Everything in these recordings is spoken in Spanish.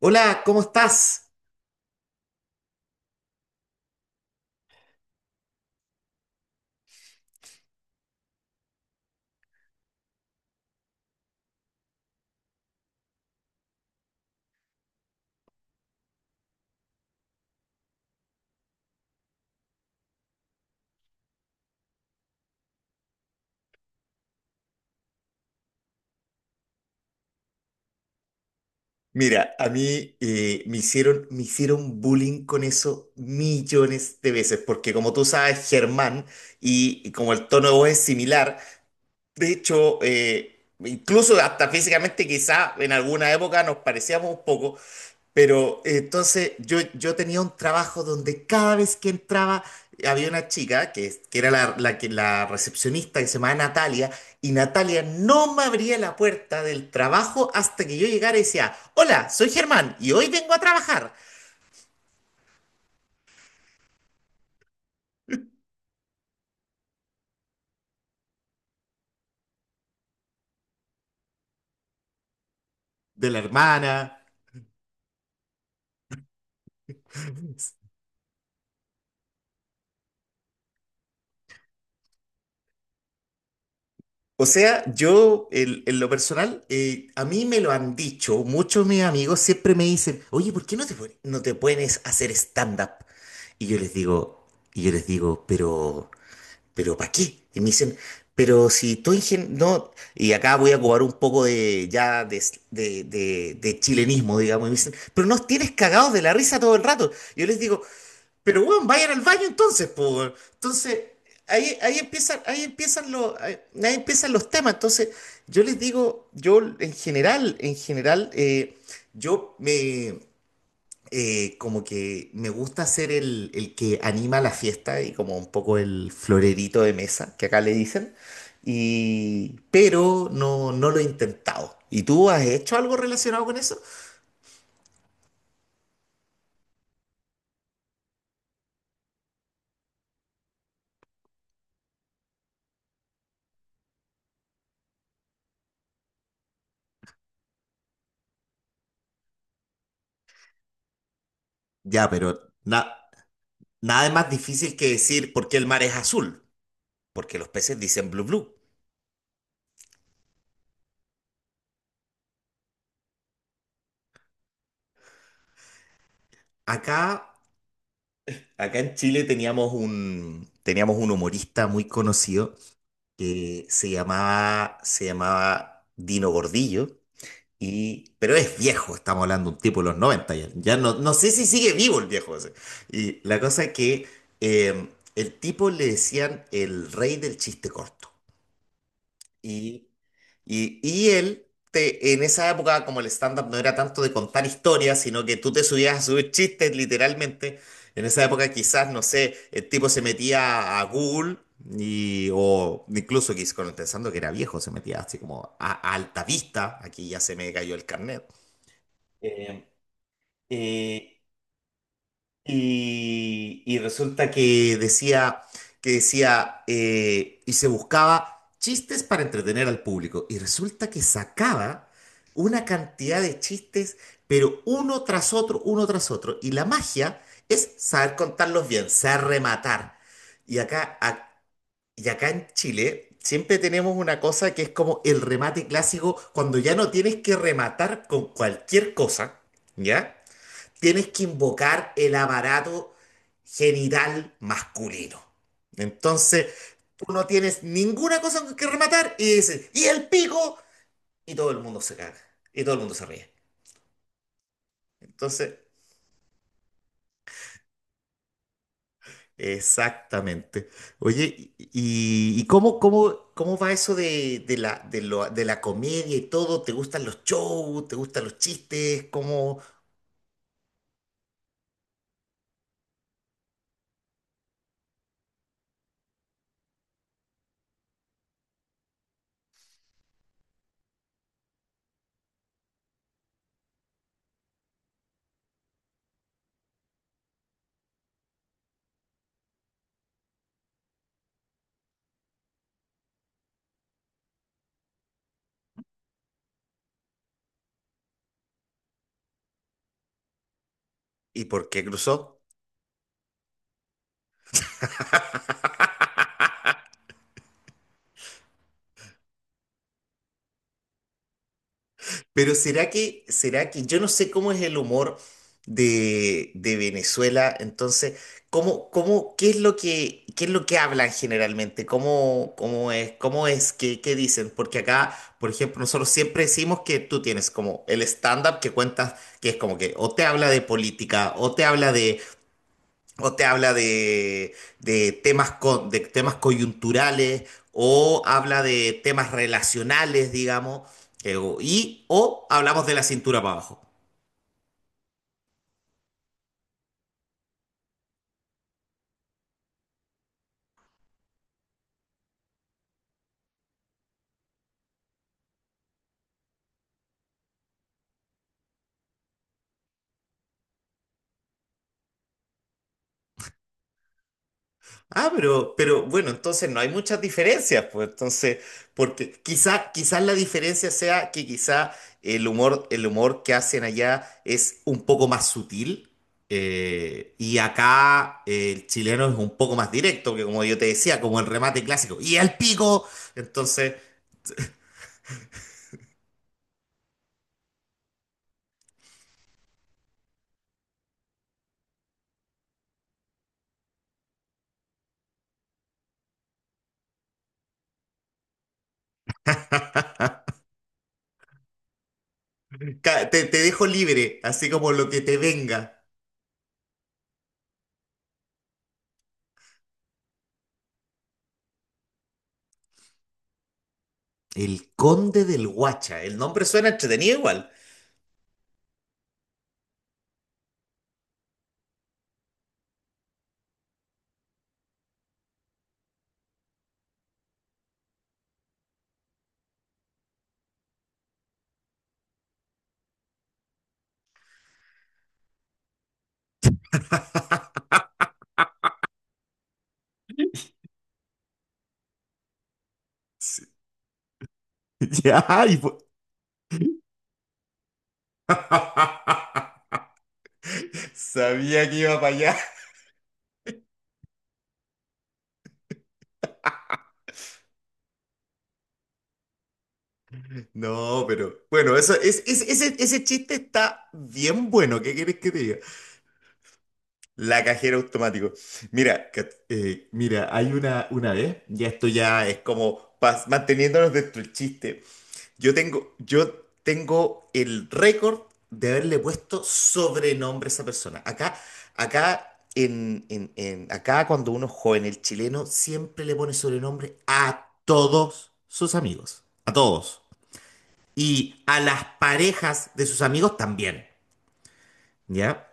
Hola, ¿cómo estás? Mira, a mí me hicieron bullying con eso millones de veces, porque como tú sabes, Germán, y como el tono de voz es similar, de hecho, incluso hasta físicamente quizá en alguna época nos parecíamos un poco. Pero entonces yo tenía un trabajo donde cada vez que entraba había una chica que era la recepcionista que se llamaba Natalia, y Natalia no me abría la puerta del trabajo hasta que yo llegara y decía, hola, soy Germán y hoy vengo a trabajar de la hermana. O sea, en lo personal, a mí me lo han dicho, muchos de mis amigos siempre me dicen, oye, ¿por qué no no te pones a hacer stand-up? Y yo les digo, y yo les digo, pero... ¿Pero para qué? Y me dicen, pero si tú no, y acá voy a cobrar un poco de ya de chilenismo, digamos, y me dicen, pero nos tienes cagados de la risa todo el rato. Yo les digo, pero weón, vayan al baño entonces, po, weón. Entonces, ahí ahí empiezan los temas. Entonces, yo les digo, yo en general, yo me como que me gusta ser el que anima la fiesta y como un poco el florerito de mesa, que acá le dicen, y, pero no, no lo he intentado. ¿Y tú has hecho algo relacionado con eso? Ya, nada es más difícil que decir por qué el mar es azul, porque los peces dicen blue blue. Acá, acá en Chile teníamos un humorista muy conocido que se llamaba Dino Gordillo. Y, pero es viejo, estamos hablando de un tipo de los 90 ya. Ya no, no sé si sigue vivo el viejo ese. Y la cosa es que eh, el tipo le decían el rey del chiste corto. Y, y él, en esa época, como el stand-up no era tanto de contar historias, sino que tú te subías a subir chistes literalmente. En esa época quizás, no sé, el tipo se metía a Google y, o incluso pensando que era viejo, se metía así como a Altavista. Aquí ya se me cayó el carnet. Eh, eh, y, y resulta que decía, y se buscaba chistes para entretener al público. Y resulta que sacaba una cantidad de chistes, pero uno tras otro, uno tras otro. Y la magia es saber contarlos bien, saber rematar. Y acá, a- y acá en Chile siempre tenemos una cosa que es como el remate clásico, cuando ya no tienes que rematar con cualquier cosa, ¿ya? Tienes que invocar el aparato genital masculino. Entonces, tú no tienes ninguna cosa con que rematar y dices, ¡y el pico! Y todo el mundo se caga, y todo el mundo se ríe. Entonces, exactamente. Oye, ¿cómo va eso de la comedia y todo? ¿Te gustan los shows? ¿Te gustan los chistes? ¿Cómo? ¿Y por qué cruzó? Pero será que, yo no sé cómo es el humor de Venezuela. Entonces, ¿qué es lo qué es lo que hablan generalmente? ¿Cómo es, qué dicen? Porque acá, por ejemplo, nosotros siempre decimos que tú tienes como el stand-up que cuentas, que es como que o te habla de política, o te habla de, o te habla de temas de temas coyunturales, o habla de temas relacionales, digamos, y o hablamos de la cintura para abajo. Ah, pero bueno, entonces no hay muchas diferencias, pues entonces, porque quizás la diferencia sea que quizá el humor que hacen allá es un poco más sutil. Y acá el chileno es un poco más directo, que como yo te decía, como el remate clásico, y el pico, entonces, te dejo libre, así como lo que te venga. El Conde del Guacha. El nombre suena entretenido igual. Sí. Ya, sabía que iba para allá. No, pero bueno, eso ese chiste está bien bueno. ¿Qué quieres que te diga? La cajera automático. Mira, mira, hay una vez, ya esto ya es como manteniéndonos dentro del chiste. Yo tengo el récord de haberle puesto sobrenombre a esa persona. Acá, acá, en- acá cuando uno es joven, el chileno siempre le pone sobrenombre a todos sus amigos. A todos. Y a las parejas de sus amigos también. ¿Ya?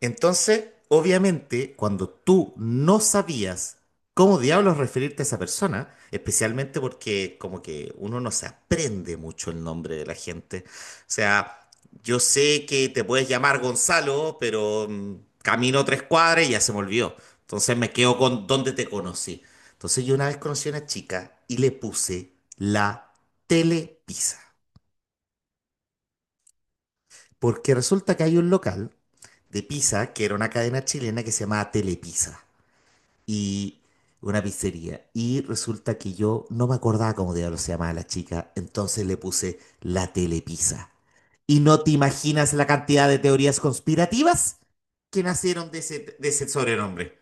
Entonces, obviamente, cuando tú no sabías cómo diablos referirte a esa persona, especialmente porque como que uno no se aprende mucho el nombre de la gente. O sea, yo sé que te puedes llamar Gonzalo, pero camino 3 cuadras y ya se me olvidó. Entonces me quedo con dónde te conocí. Entonces yo una vez conocí a una chica y le puse la Telepizza. Porque resulta que hay un local de pizza que era una cadena chilena que se llamaba Telepizza, y una pizzería. Y resulta que yo no me acordaba cómo diablos se llamaba la chica, entonces le puse la telepizza. Y no te imaginas la cantidad de teorías conspirativas que nacieron de ese sobrenombre.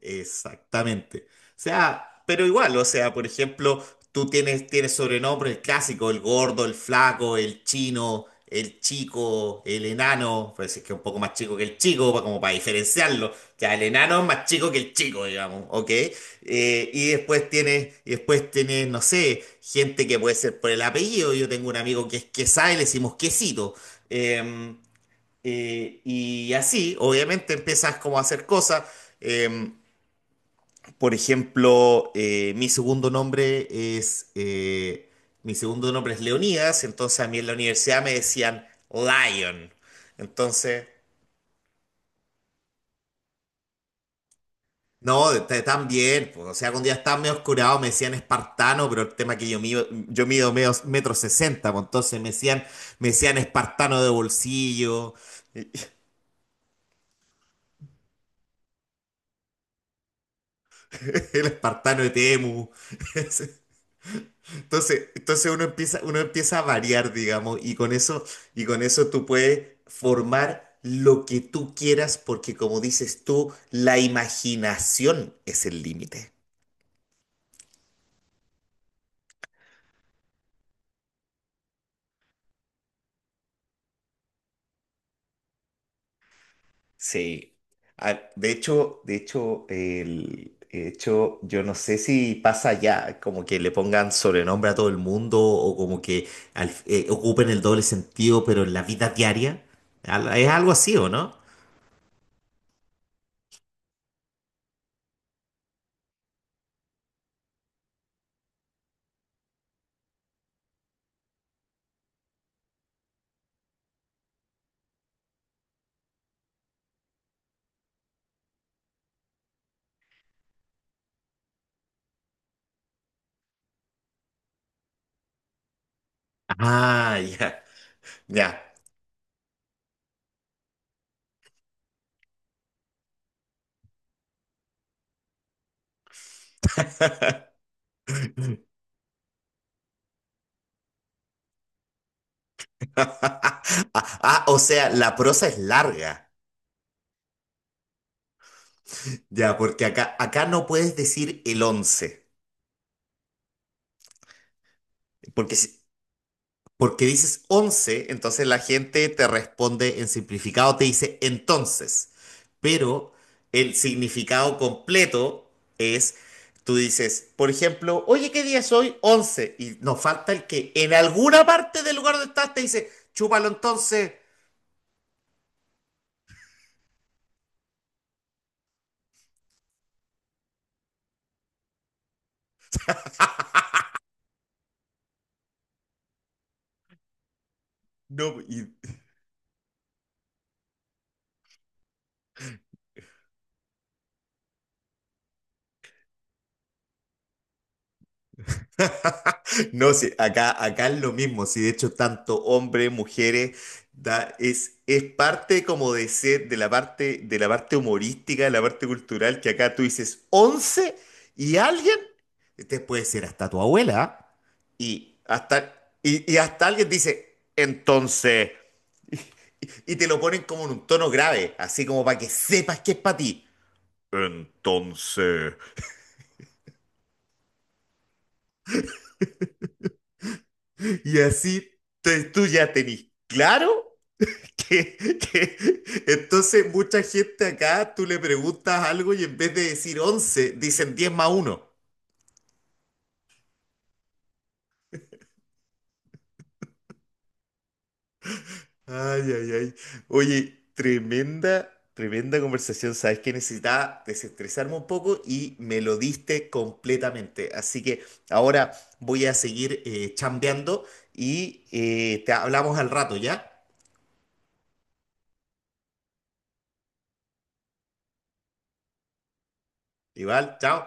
Exactamente. O sea, pero igual, o sea, por ejemplo, tienes sobrenombres: el clásico, el gordo, el flaco, el chino, el chico, el enano, pues es que es un poco más chico que el chico, como para diferenciarlo. Ya, el enano es más chico que el chico, digamos, ¿ok? Y después tienes, no sé, gente que puede ser por el apellido. Yo tengo un amigo que es Quesá y le decimos Quesito. Em, y así, obviamente, empiezas como a hacer cosas. em, por ejemplo, es eh, mi segundo nombre es Leonidas, entonces a mí en la universidad me decían Lion. Entonces, no, también, pues, o sea, cuando ya estaba medio oscurado me decían espartano, pero el tema es que yo mido medio, metro sesenta, pues, entonces me decían espartano de bolsillo. El espartano de Temu. Entonces, uno empieza a variar, digamos, y con eso tú puedes formar lo que tú quieras, porque como dices tú, la imaginación es el límite. Sí. Ah, de hecho, yo no sé si pasa ya, como que le pongan sobrenombre a todo el mundo, o como que ocupen el doble sentido, pero en la vida diaria. ¿Es algo así o no? Ah, ya, ya. Ah, o sea, la prosa es larga. Ya, porque acá, acá no puedes decir el 11, porque, porque dices 11, entonces la gente te responde en simplificado, te dice entonces. Pero el significado completo es, tú dices, por ejemplo, oye, ¿qué día es hoy? 11. Y nos falta el que en alguna parte del lugar donde estás te dice, chúpalo entonces. No, y... No, sí, acá, acá es lo mismo, sí, de hecho, tanto hombres, mujeres, da, es parte como de ser, de la parte humorística, de la parte cultural, que acá tú dices 11 y alguien, te puede ser hasta tu abuela, ¿ah? Y hasta, y hasta alguien dice, entonces, y te lo ponen como en un tono grave, así como para que sepas que es para ti. Entonces, y así tú ya tenés claro. que- que- Entonces, mucha gente acá, tú le preguntas algo y en vez de decir 11 dicen 10 más uno. Ay, ay, ay. Oye, tremenda, tremenda conversación. Sabes que necesitaba desestresarme un poco y me lo diste completamente. Así que ahora voy a seguir chambeando y te hablamos al rato, ¿ya? Igual, chao.